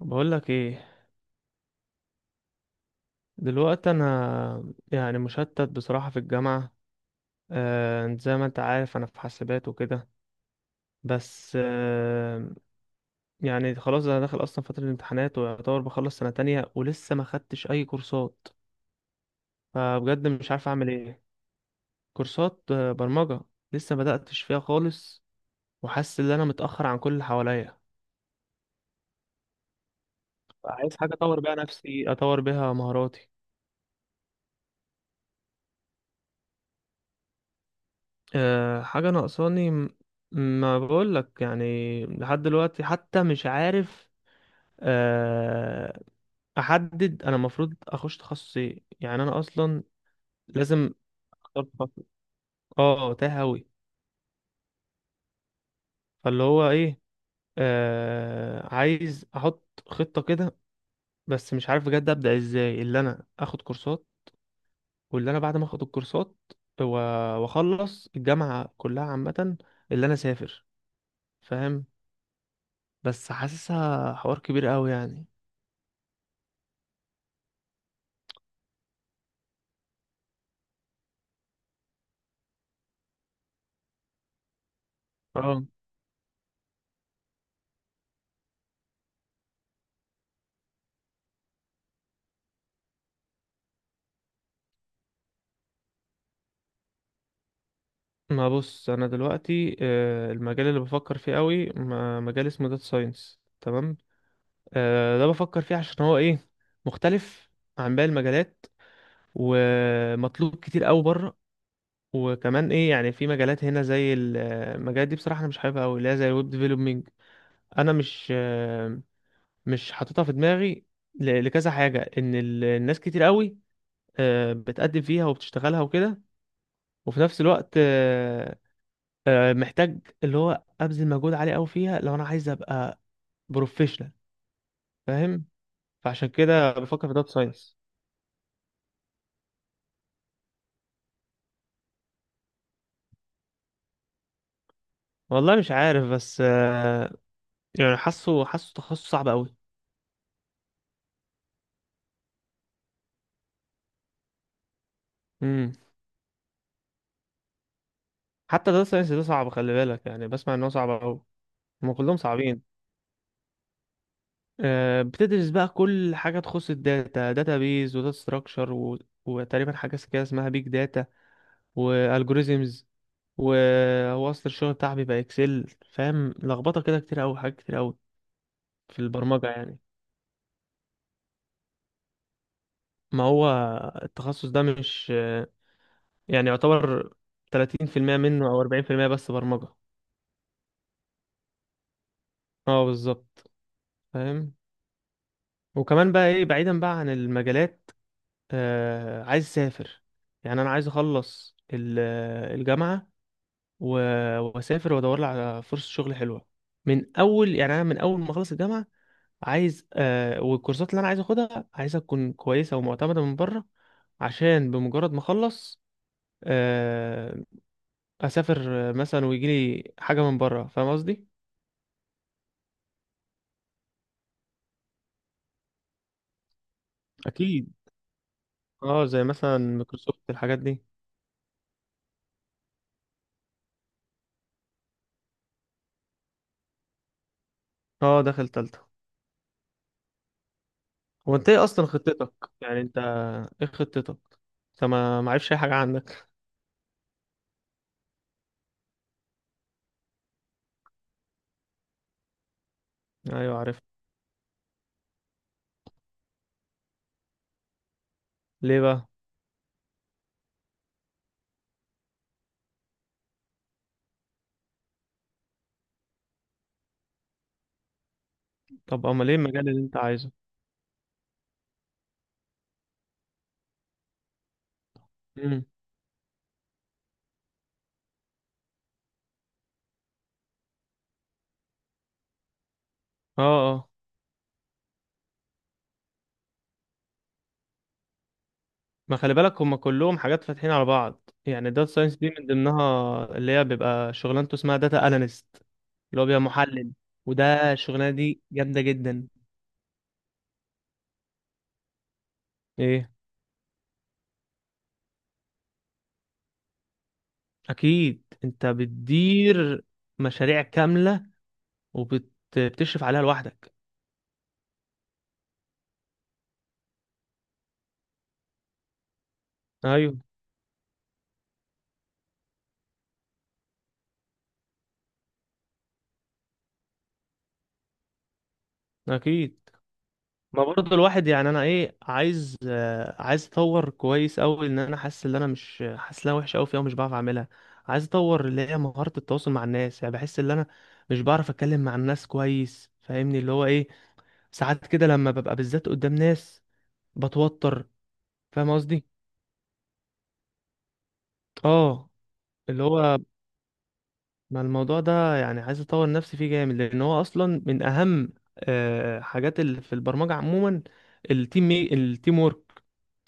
بقول لك ايه. دلوقتي انا يعني مشتت بصراحة في الجامعة. انت زي ما انت عارف انا في حاسبات وكده، بس يعني خلاص انا داخل اصلا فترة الامتحانات ويعتبر بخلص سنة تانية ولسه ما خدتش اي كورسات. فبجد مش عارف اعمل ايه. كورسات، برمجة. لسه ما بدأتش فيها خالص، وحاسس ان انا متأخر عن كل اللي حواليا. عايز حاجة اطور بيها نفسي، اطور بيها مهاراتي. أه، حاجة ناقصاني ما بقولك يعني لحد دلوقتي حتى مش عارف أه أحدد أنا المفروض أخش تخصص إيه. يعني أنا أصلا لازم أختار تخصص. أه، تاه أوي. فاللي هو إيه، أه عايز أحط خطة كده، بس مش عارف بجد أبدأ إزاي. اللي أنا أخد كورسات، واللي أنا بعد ما أخد الكورسات و- وأخلص الجامعة كلها، عامة اللي أنا أسافر، فاهم؟ بس حاسسها حوار كبير أوي يعني. اه. ما بص، انا دلوقتي المجال اللي بفكر فيه قوي مجال اسمه داتا ساينس، تمام؟ ده بفكر فيه عشان هو ايه، مختلف عن باقي المجالات، ومطلوب كتير قوي بره. وكمان ايه يعني، في مجالات هنا زي المجالات دي بصراحه انا مش حاببها قوي، اللي هي زي الويب ديفلوبمنج. انا مش مش حاططها في دماغي لكذا حاجه، ان الناس كتير قوي بتقدم فيها وبتشتغلها وكده. وفي نفس الوقت محتاج اللي هو ابذل مجهود عالي قوي فيها لو انا عايز ابقى بروفيشنال، فاهم؟ فعشان كده بفكر في داتا ساينس. والله مش عارف، بس يعني حاسه، تخصص صعب قوي. امم. حتى داتا ساينس ده صعب، خلي بالك، يعني بسمع ان هو صعب قوي. هم كلهم صعبين. بتدرس بقى كل حاجه تخص الداتا، داتا بيز وداتا ستراكشر وتقريبا حاجه كده اسمها بيج داتا، والجوريزمز. وهو اصل الشغل بتاعي بيبقى اكسل، فاهم؟ لخبطه كده، كتير قوي حاجات كتير قوي في البرمجة يعني. ما هو التخصص ده مش يعني يعتبر 30% منه أو 40% بس برمجة. اه بالظبط، فاهم. وكمان بقى ايه، بعيدا بقى عن المجالات، آه عايز اسافر. يعني انا عايز اخلص الجامعه واسافر وادور لي على فرصه شغل حلوه من اول. يعني انا من اول ما اخلص الجامعه عايز آه، والكورسات اللي انا عايز اخدها عايزها تكون كويسه ومعتمده من بره، عشان بمجرد ما اخلص آه اسافر مثلا ويجي لي حاجه من بره، فاهم قصدي؟ اكيد. اه زي مثلا مايكروسوفت الحاجات دي. اه داخل تالتة. هو انت ايه اصلا خطتك، يعني انت ايه خطتك؟ انت ما عارفش اي حاجه عندك. ايوه عارف. ليه بقى؟ طب امال ايه المجال اللي انت عايزه؟ امم. اه، اه. ما خلي بالك، هما كلهم حاجات فاتحين على بعض، يعني داتا ساينس دي من ضمنها اللي هي بيبقى شغلانته اسمها داتا اناليست، اللي هو بيبقى محلل. وده الشغلانه دي جامده جدا. ايه؟ اكيد انت بتدير مشاريع كامله وبتشرف عليها لوحدك. ايوه اكيد. ما برضه الواحد يعني، انا ايه عايز عايز اطور كويس قوي، ان انا حاسس ان انا مش حاسس ان انا وحش قوي فيها ومش بعرف اعملها. عايز اطور اللي هي مهاره التواصل مع الناس، يعني بحس ان انا مش بعرف اتكلم مع الناس كويس، فاهمني؟ اللي هو ايه، ساعات كده لما ببقى بالذات قدام ناس بتوتر، فاهم قصدي؟ اه. اللي هو، ما الموضوع ده يعني عايز اطور نفسي فيه جامد، لان هو اصلا من اهم حاجات اللي في البرمجه عموما، التيم وورك،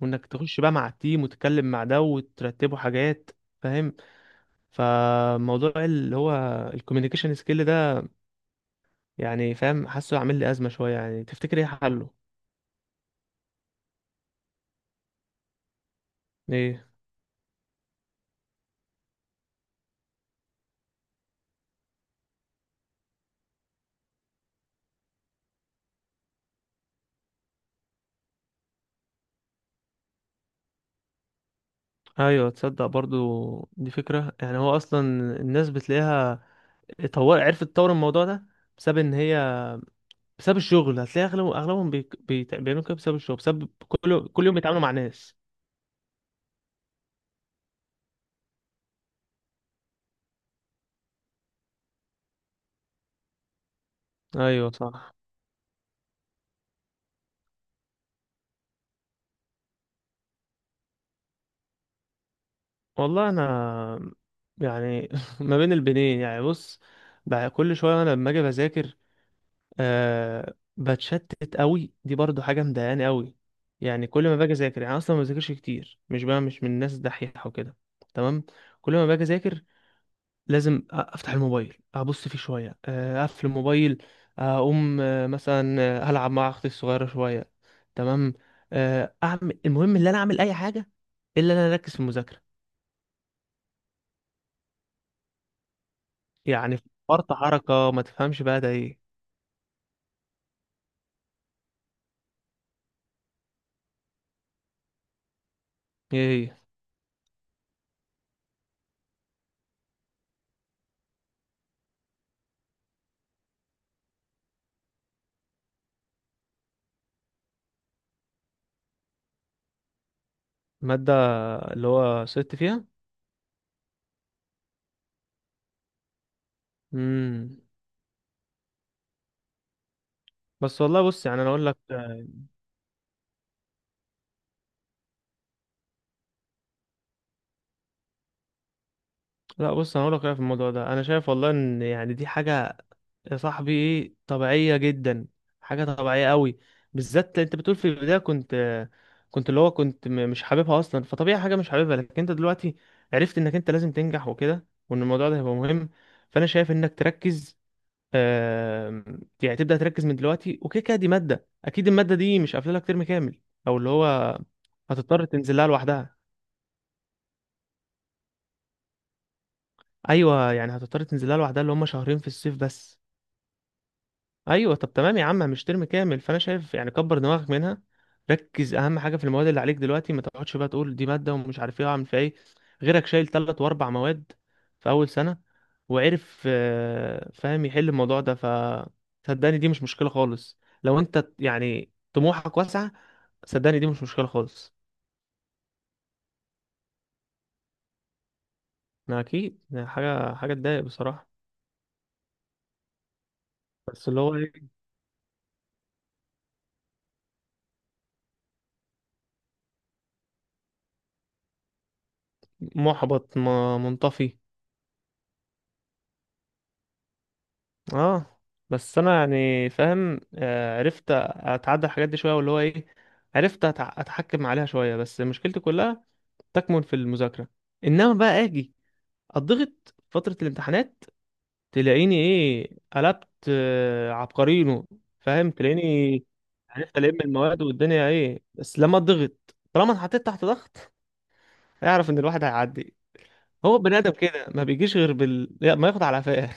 وانك تخش بقى مع التيم وتتكلم مع ده وترتبوا حاجات، فاهم؟ فموضوع اللي هو الكوميونيكيشن سكيل ده، يعني فاهم، حاسه عامل لي ازمه شويه، يعني تفتكر ايه حله؟ ايه؟ ايوه تصدق برضو دي فكره. يعني هو اصلا الناس بتلاقيها طور، عرفت تطور الموضوع ده بسبب ان هي، بسبب الشغل. هتلاقي اغلب اغلبهم بيعملوا كده بسبب الشغل، بسبب كل يوم بيتعاملوا مع ناس. ايوه صح. والله انا يعني ما بين البنين، يعني بص، بقى كل شويه انا لما اجي بذاكر آه بتشتت قوي، دي برضو حاجه مضايقاني قوي. يعني كل ما باجي اذاكر، يعني أنا اصلا ما بذاكرش كتير، مش بقى مش من الناس دحيحه وكده، تمام؟ كل ما باجي اذاكر لازم افتح الموبايل ابص فيه شويه، اقفل الموبايل، اقوم مثلا العب مع اختي الصغيره شويه، تمام؟ اعمل، المهم ان انا اعمل اي حاجه الا ان انا اركز في المذاكره. يعني فرط حركه، ما تفهمش بقى ده ايه. ايه هي؟ الماده اللي هو سقطت فيها. امم. بس والله بص، يعني انا اقول لك لا بص، انا اقول لك رأيي في الموضوع ده. انا شايف والله ان يعني دي حاجه يا صاحبي ايه، طبيعية جدا، حاجة طبيعية قوي. بالذات انت بتقول في البداية كنت اللي هو كنت مش حاببها اصلا، فطبيعي حاجة مش حاببها. لكن انت دلوقتي عرفت انك انت لازم تنجح وكده، وان الموضوع ده هيبقى مهم. فانا شايف انك تركز، آم، يعني تبدأ تركز من دلوقتي وكده كده. دي مادة، اكيد المادة دي مش قافلة لك ترم كامل، او اللي هو هتضطر تنزلها لوحدها. ايوه يعني هتضطر تنزلها لوحدها، اللي هم شهرين في الصيف بس. ايوه طب تمام يا عم، مش ترم كامل. فانا شايف يعني كبر دماغك منها، ركز اهم حاجه في المواد اللي عليك دلوقتي. ما تقعدش بقى تقول دي ماده ومش عارف ايه اعمل فيها ايه. غيرك شايل ثلاث واربع مواد في اول سنه، وعرف فاهم يحل الموضوع ده. ف صدقني دي مش مشكله خالص لو انت يعني طموحك واسعه. صدقني دي مش مشكله خالص. انا اكيد، يعني حاجه، تضايق بصراحه. بس اللي هو ايه، محبط، ما منطفي. اه. بس انا يعني فاهم عرفت اتعدى الحاجات دي شويه. واللي هو ايه، عرفت اتحكم عليها شويه. بس مشكلتي كلها تكمن في المذاكره. انما بقى اجي اضغط فتره الامتحانات، تلاقيني ايه، قلبت عبقرينو، فاهم؟ تلاقيني عرفت المواد والدنيا ايه. بس لما اضغط، طالما اتحطيت تحت ضغط، اعرف ان الواحد هيعدي. هو بني ادم كده ما بيجيش غير بال لا، ما ياخد على قفاه.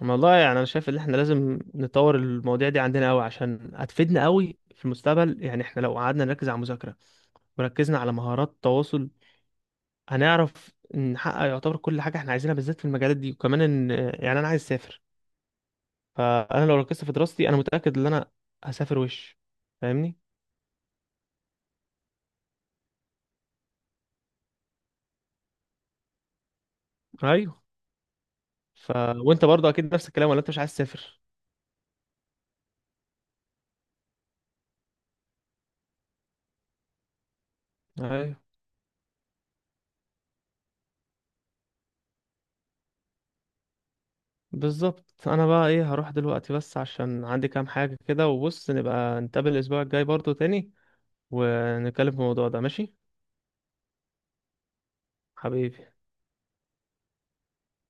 والله يعني انا شايف ان احنا لازم نطور المواضيع دي عندنا قوي عشان هتفيدنا قوي في المستقبل. يعني احنا لو قعدنا نركز على المذاكره وركزنا على مهارات التواصل، هنعرف نحقق يعتبر كل حاجه احنا عايزينها، بالذات في المجالات دي. وكمان ان، يعني انا عايز اسافر. فانا لو ركزت في دراستي انا متاكد ان انا هسافر وش، فاهمني؟ ايوه. ف وانت برضه اكيد نفس الكلام، ولا انت مش عايز تسافر؟ ايوه بالظبط. انا بقى ايه هروح دلوقتي، بس عشان عندي كام حاجه كده. وبص نبقى نتقابل الاسبوع الجاي برضه تاني، ونتكلم في الموضوع ده، ماشي؟ حبيبي.